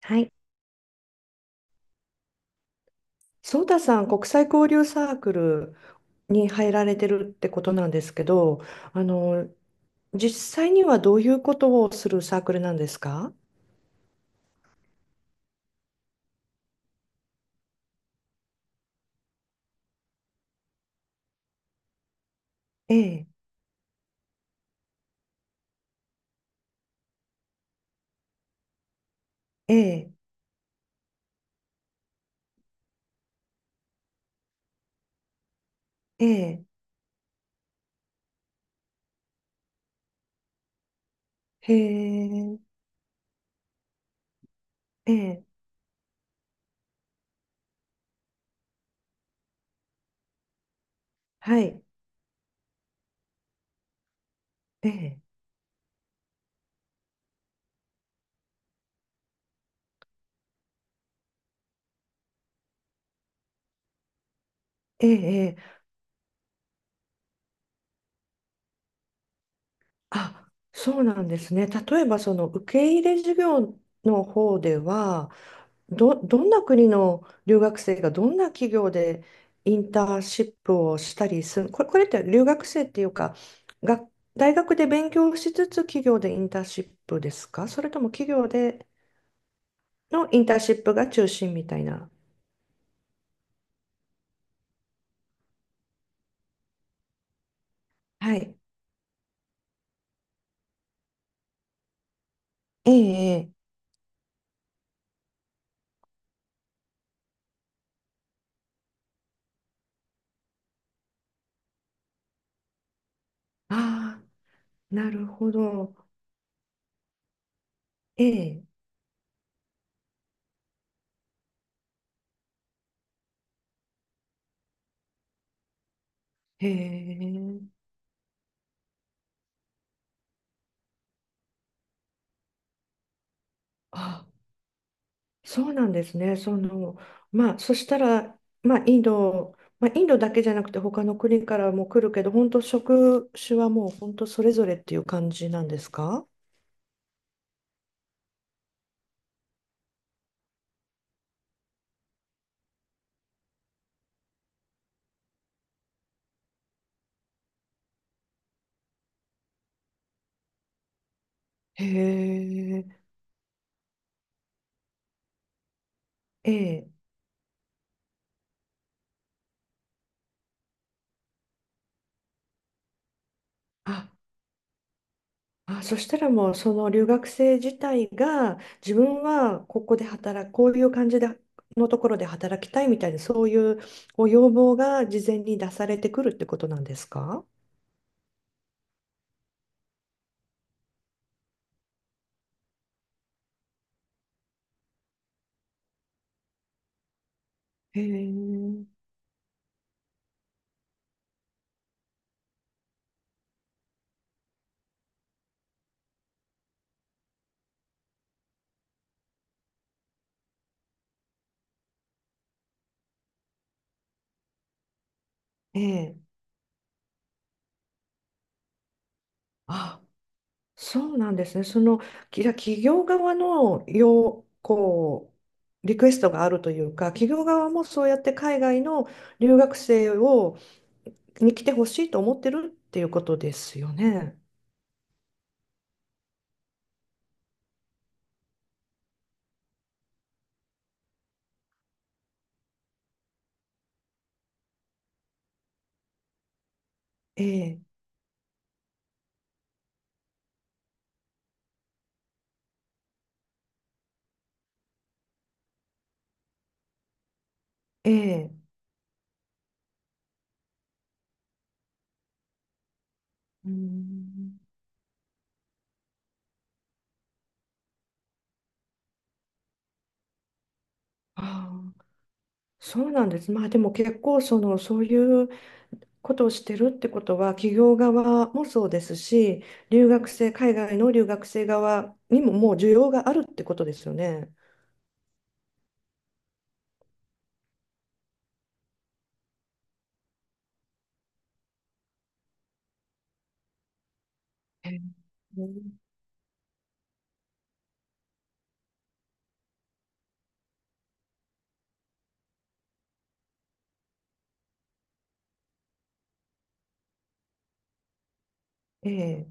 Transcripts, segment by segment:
はい。ソータさん、国際交流サークルに入られてるってことなんですけど、あの、実際にはどういうことをするサークルなんですか？ええ。ええ。ええ。へえ。ええ。はい。ええ。ええ。ええ。あ、そうなんですね。例えば、その受け入れ事業の方では、どんな国の留学生がどんな企業でインターンシップをしたりする、これって留学生っていうか、が、大学で勉強しつつ企業でインターンシップですか？それとも企業でのインターンシップが中心みたいな。はい。ええ。ええ。ああ、なるほど。ええ。へえ。あ、そうなんですね。その、まあ、そしたら、まあ、インド、まあ、インドだけじゃなくて、他の国からも来るけど、本当職種はもう本当それぞれっていう感じなんですか？へえ。ええ。あ、あ、そしたらもう、その留学生自体が、自分はここで働く、こういう感じで、のところで働きたいみたいな、そういうご要望が事前に出されてくるってことなんですか？へえ。ええ。あ、そうなんですね。じゃあ企業側の要、こう、リクエストがあるというか、企業側もそうやって海外の留学生に来てほしいと思ってるっていうことですよね。ええ。ええ。うーん。ああ、そうなんです。まあでも結構、そういうことをしてるってことは、企業側もそうですし、留学生、海外の留学生側にももう需要があるってことですよね。ええええ。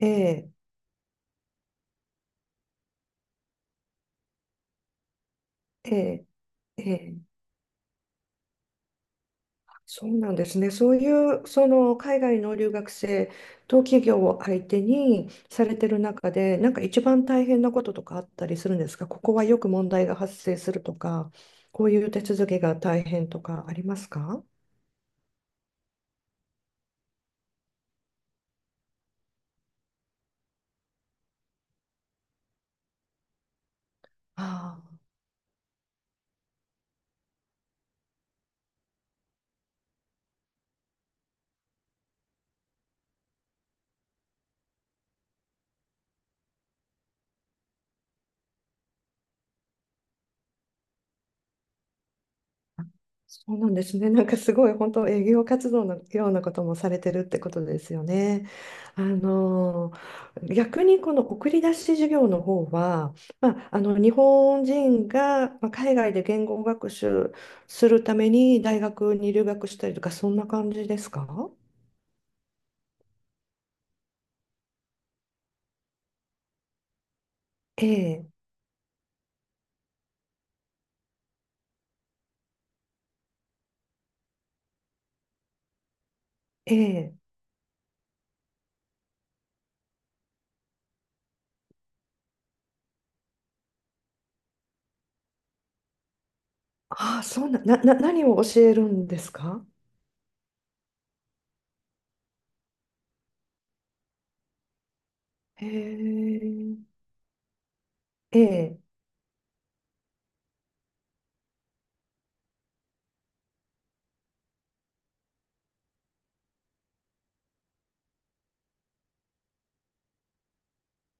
ええ。ええ。ええ。そうなんですね。そういう、その海外の留学生と企業を相手にされてる中で、なんか一番大変なこととかあったりするんですか？ここはよく問題が発生するとか、こういう手続きが大変とかありますか？ああ。そうなんですね。なんかすごい本当営業活動のようなこともされてるってことですよね。あの逆にこの送り出し事業の方は、まあ、日本人がまあ海外で言語学習するために大学に留学したりとかそんな感じですか？ええ。ええ。ああ、そうな、な、な、何を教えるんですか？へえ。ええ。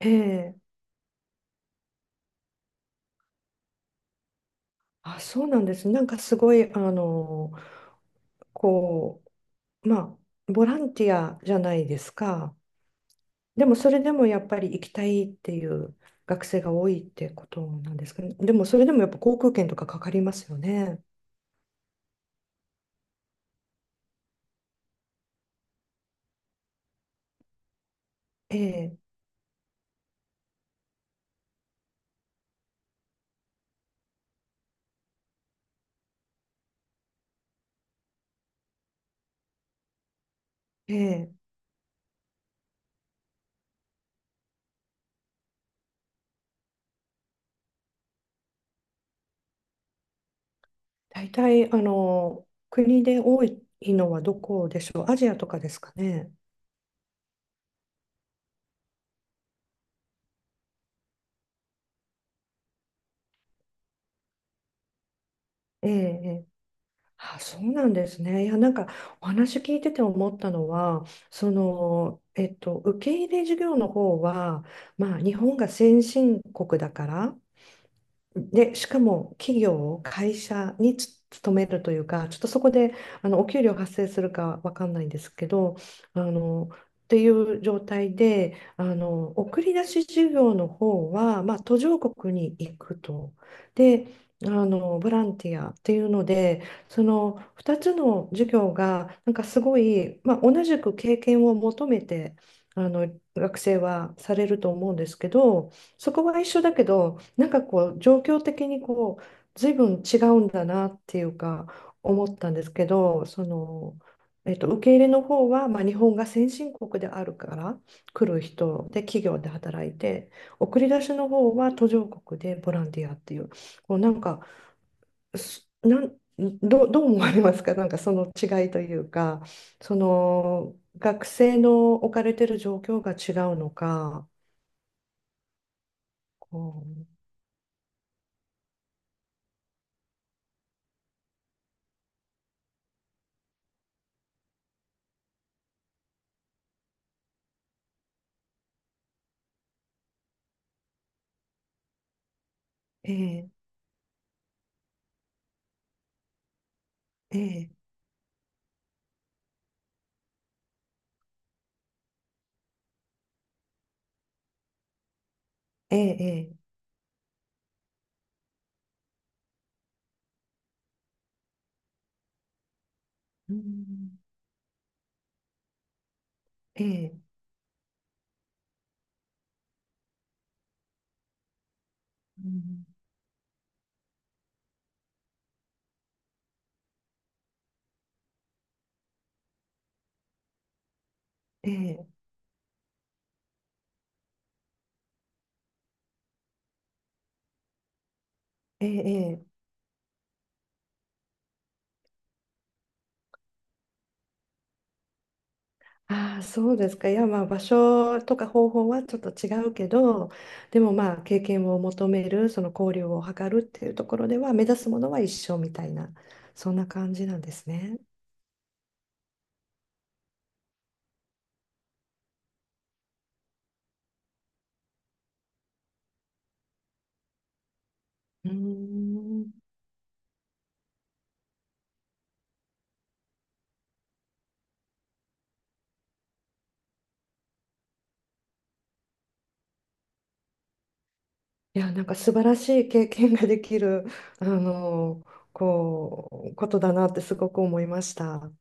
ええ。あ、そうなんです。なんかすごい、こまあ、ボランティアじゃないですか。でも、それでもやっぱり行きたいっていう学生が多いってことなんですかね。でも、それでもやっぱ航空券とかかかりますよね。ええ。ええ。大体、国で多いのはどこでしょう。アジアとかですかね。ええ。あ、そうなんですね。いや、なんかお話聞いてて思ったのは、受け入れ事業の方は、まあ、日本が先進国だから、で、しかも会社に勤めるというか、ちょっとそこでお給料発生するかわかんないんですけど、あのっていう状態で、あの送り出し事業の方は、まあ、途上国に行くと。で、あのボランティアっていうので、その2つの事業がなんかすごい、まあ、同じく経験を求めてあの学生はされると思うんですけど、そこは一緒だけど、なんか、状況的に随分違うんだなっていうか、思ったんですけど、受け入れの方は、まあ、日本が先進国であるから来る人で企業で働いて送り出しの方は途上国でボランティアっていうなんかすなんどう、どう思われますか？なんかその違いというか、その学生の置かれてる状況が違うのかこうええええええ。ええ。うん。ええ。うん。ええ。ええ。ええ。ああ、そうですか。いや、まあ、場所とか方法はちょっと違うけど、でもまあ、経験を求める、その交流を図るっていうところでは、目指すものは一緒みたいな、そんな感じなんですね。うーん。いや、なんか素晴らしい経験ができる、あの、ことだなってすごく思いました。